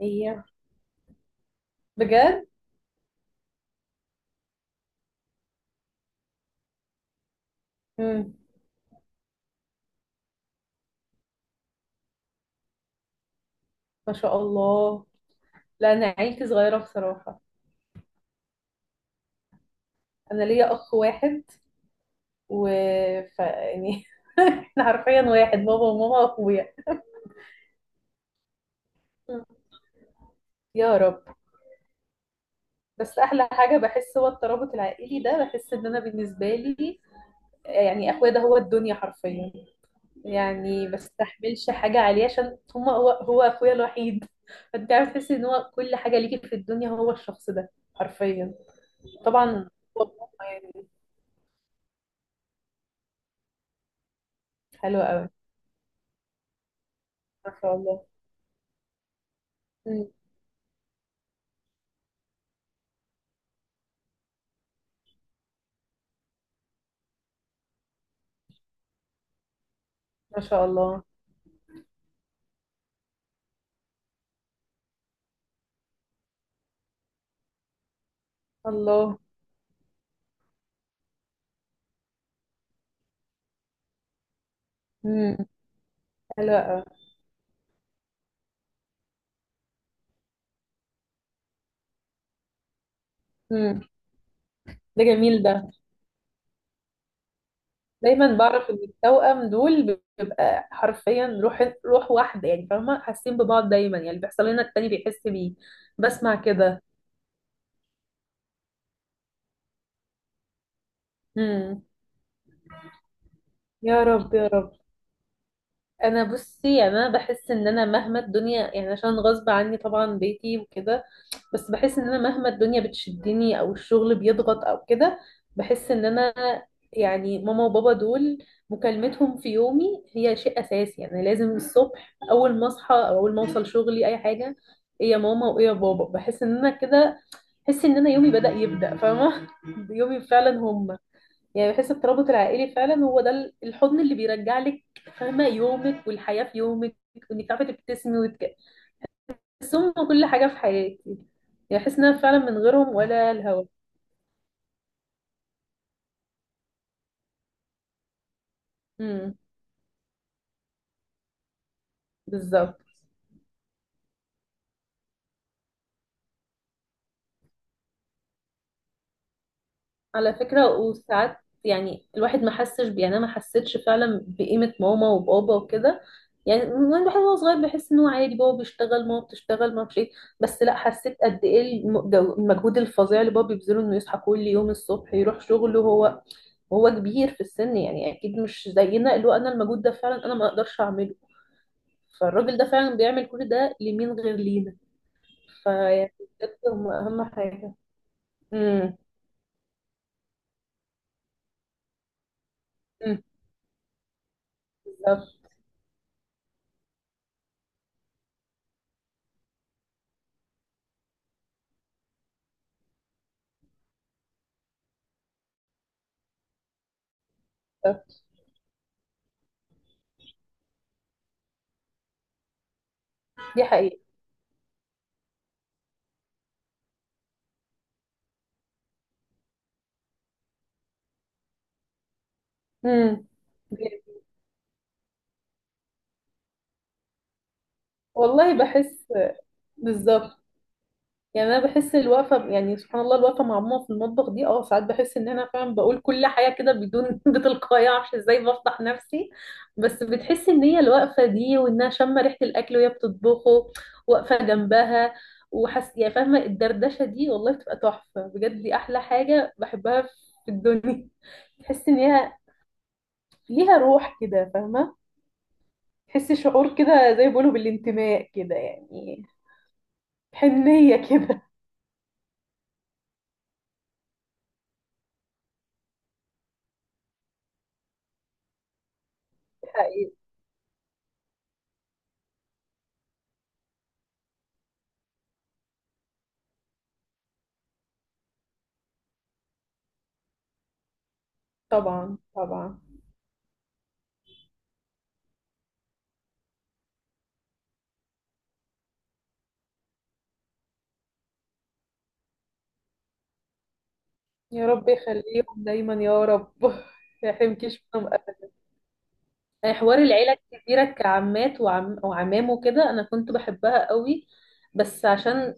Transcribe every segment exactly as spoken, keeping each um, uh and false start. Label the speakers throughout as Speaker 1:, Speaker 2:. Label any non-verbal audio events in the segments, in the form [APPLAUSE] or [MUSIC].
Speaker 1: هي؟ بجد؟ امم ما شاء الله. لا، انا عيلتي صغيره بصراحه. انا ليا اخ واحد، و ف... يعني، [LAUGHS] احنا حرفيا واحد، بابا وماما واخويا. مم. يا رب. بس احلى حاجه بحس، هو الترابط العائلي ده. بحس ان انا بالنسبه لي يعني اخويا ده هو الدنيا حرفيا. يعني ما بستحملش حاجه عليه عشان هما هو هو اخويا الوحيد. فانت عارف، تحس ان هو كل حاجه ليكي في الدنيا، هو الشخص ده حرفيا. طبعا. هو ماما يعني. حلو قوي. ما شاء الله. مم. ما شاء الله. الله. مم. حلو قوي. مم. ده جميل ده. دايما بعرف ان التوأم دول بيبقى حرفيا روح روح واحده، يعني فاهمه، حاسين ببعض دايما. يعني اللي بيحصل لنا التاني بيحس بيه، بسمع كده. مم. يا رب يا رب. انا بصي، يعني انا بحس ان انا مهما الدنيا، يعني عشان غصب عني طبعا بيتي وكده، بس بحس ان انا مهما الدنيا بتشدني او الشغل بيضغط او كده، بحس ان انا يعني ماما وبابا دول، مكالمتهم في يومي هي شيء اساسي. يعني لازم الصبح اول ما اصحى او اول ما اوصل شغلي اي حاجه، ايه يا ماما وايه يا بابا. بحس ان انا كده بحس ان انا يومي بدأ يبدأ، فاهمه؟ [LAUGHS] يومي فعلا هم. يعني بحس الترابط العائلي فعلا هو ده ال- الحضن اللي بيرجع لك، فاهمه، يومك والحياه في يومك، وانك تعرفي تبتسمي وتك... بس هم كل حاجه في حياتي. يعني بحس ان انا فعلا من غيرهم ولا الهوا. امم، بالظبط. على فكره وساعات، يعني الواحد ما حسش ب- يعني انا ما حسيتش فعلا بقيمه ماما وبابا وكده. يعني من الواحد وهو صغير بيحس انه عادي، بابا بيشتغل ماما بتشتغل، ما اعرفش ايه. بس لا، حسيت قد ايه الم- جو- المجهود الفظيع اللي بابا بيبذله، انه يصحى كل يوم الصبح يروح شغله، هو وهو كبير في السن، يعني اكيد مش زينا. اللي هو انا المجهود ده فعلا انا ما اقدرش اعمله. فالراجل ده فعلا بيعمل كل ده لمين غير لينا؟ فيعني بجد هم اهم حاجه. امم. أمم. بالظبط. بالظبط. دي حقيقه. امم. والله بحس. بالظبط. يعني انا بحس الوقفه، يعني سبحان الله، الوقفه مع ماما في المطبخ دي، اه ساعات بحس ان انا فعلا بقول كل حاجه كده بدون [LAUGHS] بتلقائيه، معرفش ازاي بفضح نفسي. بس بتحس ان هي الوقفه دي، وانها شامه ريحه الاكل وهي بتطبخه، واقفه جنبها، وحس يعني، فاهمه؟ الدردشه دي والله بتبقى تحفه بجد. دي احلى حاجه بحبها في الدنيا. [LAUGHS] تحس ان هي ليها روح كده، فاهمه؟ تحس شعور كده زي ما بيقولوا بالانتماء كده يعني، حنيه كده. [LAUGHS] حقيقي. طبعا طبعا. يا رب يخليهم دايما يا رب، [LAUGHS] ما يحرمكيش منهم ابدا. يعني حوار العيله الكبيره كعمات وعم وعمام وكده، انا كنت بحبها قوي. بس عشان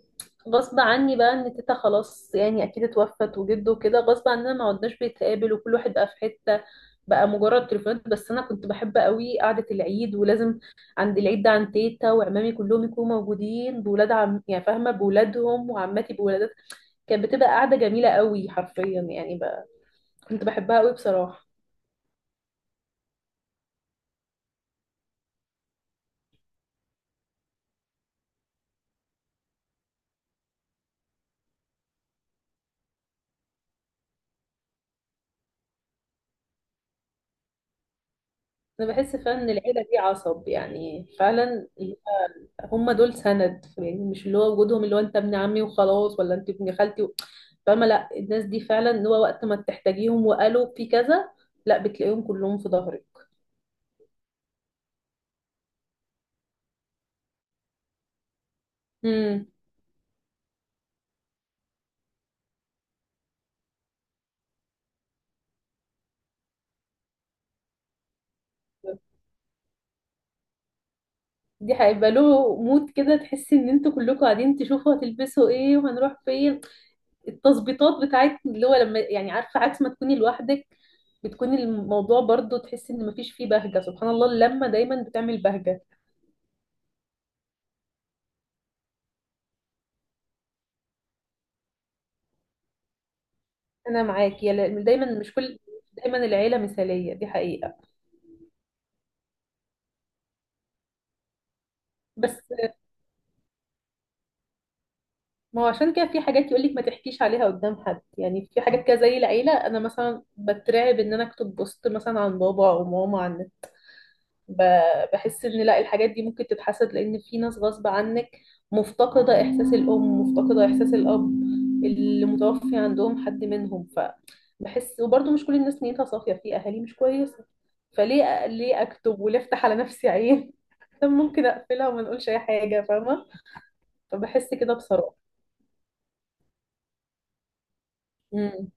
Speaker 1: غصب عني بقى ان تيتا خلاص يعني اكيد اتوفت، وجده كده، غصب عننا ما عدناش بنتقابل، وكل واحد بقى في حته، بقى مجرد تليفونات. بس انا كنت بحب قوي قعده العيد، ولازم عند العيد ده عند تيتا وعمامي كلهم يكونوا موجودين، بولاد عم يعني فاهمه، بولادهم وعماتي بولادات. كانت بتبقى قاعده جميله قوي حرفيا يعني، كنت بحبها قوي بصراحة. أنا بحس فعلا إن العيلة دي عصب، يعني فعلا هم دول سند. يعني مش اللي هو وجودهم اللي هو أنت ابن عمي وخلاص، ولا أنت ابن خالتي و... فاهمة؟ لا، الناس دي فعلا اللي هو وقت ما تحتاجيهم وقالوا في كذا، لا بتلاقيهم كلهم في ظهرك. امم. دي هيبقى له مود كده، تحسي إن أنتوا كلكم قاعدين تشوفوا هتلبسوا إيه وهنروح فين، التظبيطات بتاعت اللي هو لما يعني، عارفه عكس ما تكوني لوحدك، بتكوني الموضوع برضو تحسي ان مفيش فيه بهجه. سبحان الله، اللمه دايما بتعمل بهجه. انا معاكي يلا- دايما مش كل، دايما العيله مثاليه، دي حقيقه. بس ما هو عشان كده في حاجات يقولك ما تحكيش عليها قدام حد. يعني في حاجات كده زي العيله، انا مثلا بترعب ان انا اكتب بوست مثلا عن بابا او ماما، عن ب- بحس ان لا، الحاجات دي ممكن تتحسد، لان في ناس غصب عنك مفتقدة احساس الام، مفتقدة احساس الاب، اللي متوفي عندهم حد منهم. فبحس، وبرضه مش كل الناس نيتها صافية، في اهالي مش كويسة. فليه، ليه اكتب وليه افتح على نفسي عين؟ [LAUGHS] طب ممكن اقفلها وما نقولش اي حاجة، فاهمة؟ فبحس كده بصراحة. امم.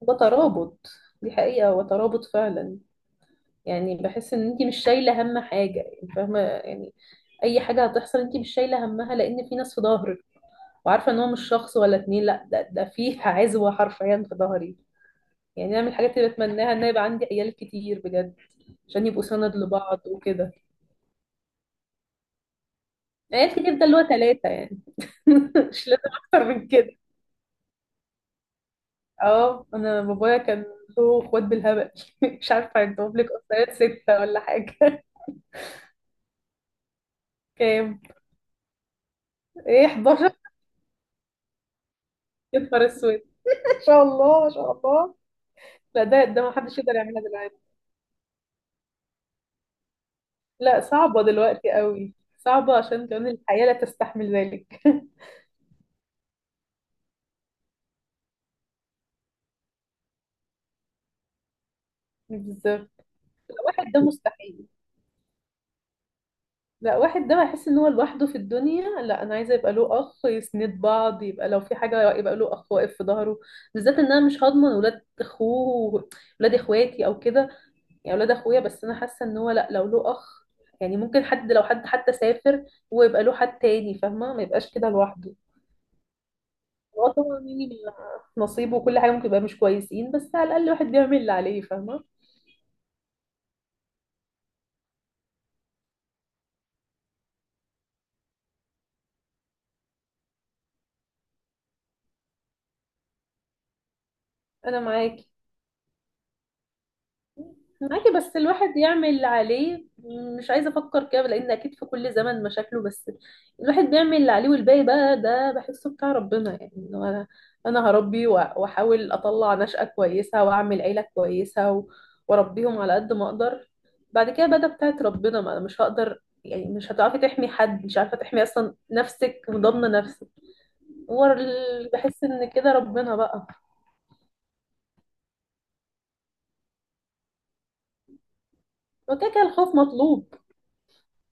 Speaker 1: وترابط. دي حقيقة، وترابط فعلا. يعني بحس ان انت مش شايله هم حاجه، يعني فاهمه يعني، اي حاجه هتحصل انت مش شايله همها، لان في ناس في ظهرك، وعارفه ان هو مش شخص ولا اتنين، لا، ده ده في عزوه حرفيا في ظهري. يعني انا من الحاجات اللي بتمناها ان يبقى عندي عيال كتير بجد، عشان يبقوا سند لبعض وكده. عيال كتير ده اللي هو ثلاثه يعني، [LAUGHS] مش لازم اكتر من كده. اه انا بابايا كان له اخوات بالهبل، [LAUGHS] مش عارفه عندهم لك اخوات سته ولا حاجه. [LAUGHS] كام؟ ايه، حداشر. يا نهار اسود، [LAUGHS] ما شاء الله ما شاء الله. لا، ده ده ما حدش يقدر يعملها دلوقتي. لا، صعبة دلوقتي قوي، صعبة عشان كمان الحياة لا تستحمل ذلك. [LAUGHS] بالظبط. لا، واحد ده مستحيل. لا، واحد ده هيحس ان هو لوحده في الدنيا. لا انا عايزة يبقى له اخ، يسند بعض، يبقى لو في حاجة يبقى له اخ واقف في ظهره. بالذات ان انا مش هضمن ولاد اخوه، ولاد اخواتي او كده، يعني ولاد اخويا. بس انا حاسة ان هو لا، لو له اخ يعني ممكن حد، لو حد حتى سافر، هو يبقى له حد تاني، فاهمة؟ ما يبقاش كده لوحده. هو طبعا يعني نصيب، وكل حاجة ممكن يبقى مش كويسين، بس على الأقل الواحد بيعمل اللي عليه، فاهمة؟ أنا معاكي. معاكي، بس الواحد يعمل اللي عليه. مش عايزة أفكر كده، لأن أكيد في كل زمن مشاكله، بس الواحد بيعمل اللي عليه والباقي بقى ده بحسه بتاع ربنا. يعني إنه أنا أنا هربي، وأ- وأحاول أطلع نشأة كويسة وأعمل عيلة كويسة و- وأربيهم على قد ما أقدر. بعد كده بقى ده بتاعت ربنا، ما أنا مش هقدر يعني، مش هتعرفي تحمي حد، مش عارفة تحمي أصلا نفسك وضامنة نفسك. هو ال- بحس ان كده ربنا بقى. هو كده كده الخوف مطلوب.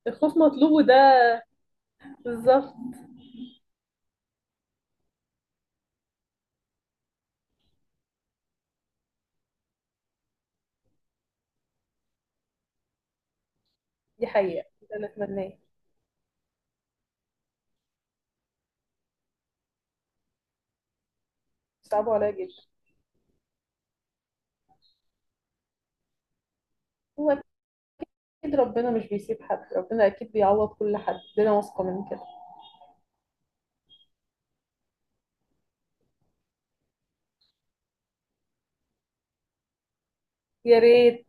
Speaker 1: الخوف مطلوب وده بالظبط. دي حقيقة، ده اللي اتمناه. صعبوا عليا جدا. هو اكيد ربنا مش بيسيب حد، ربنا اكيد بيعوض كل حد، ده انا واثقة من كده. يا ريت.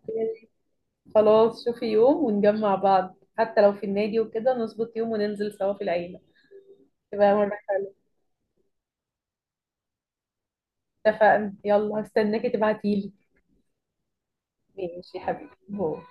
Speaker 1: خلاص، شوفي يوم ونجمع بعض، حتى لو في النادي وكده، نظبط يوم وننزل سوا في العيلة. تبقى مرة حلوة. اتفقنا، يلا هستناكي تبعتيلي. ماشي يا حبيبي، باي.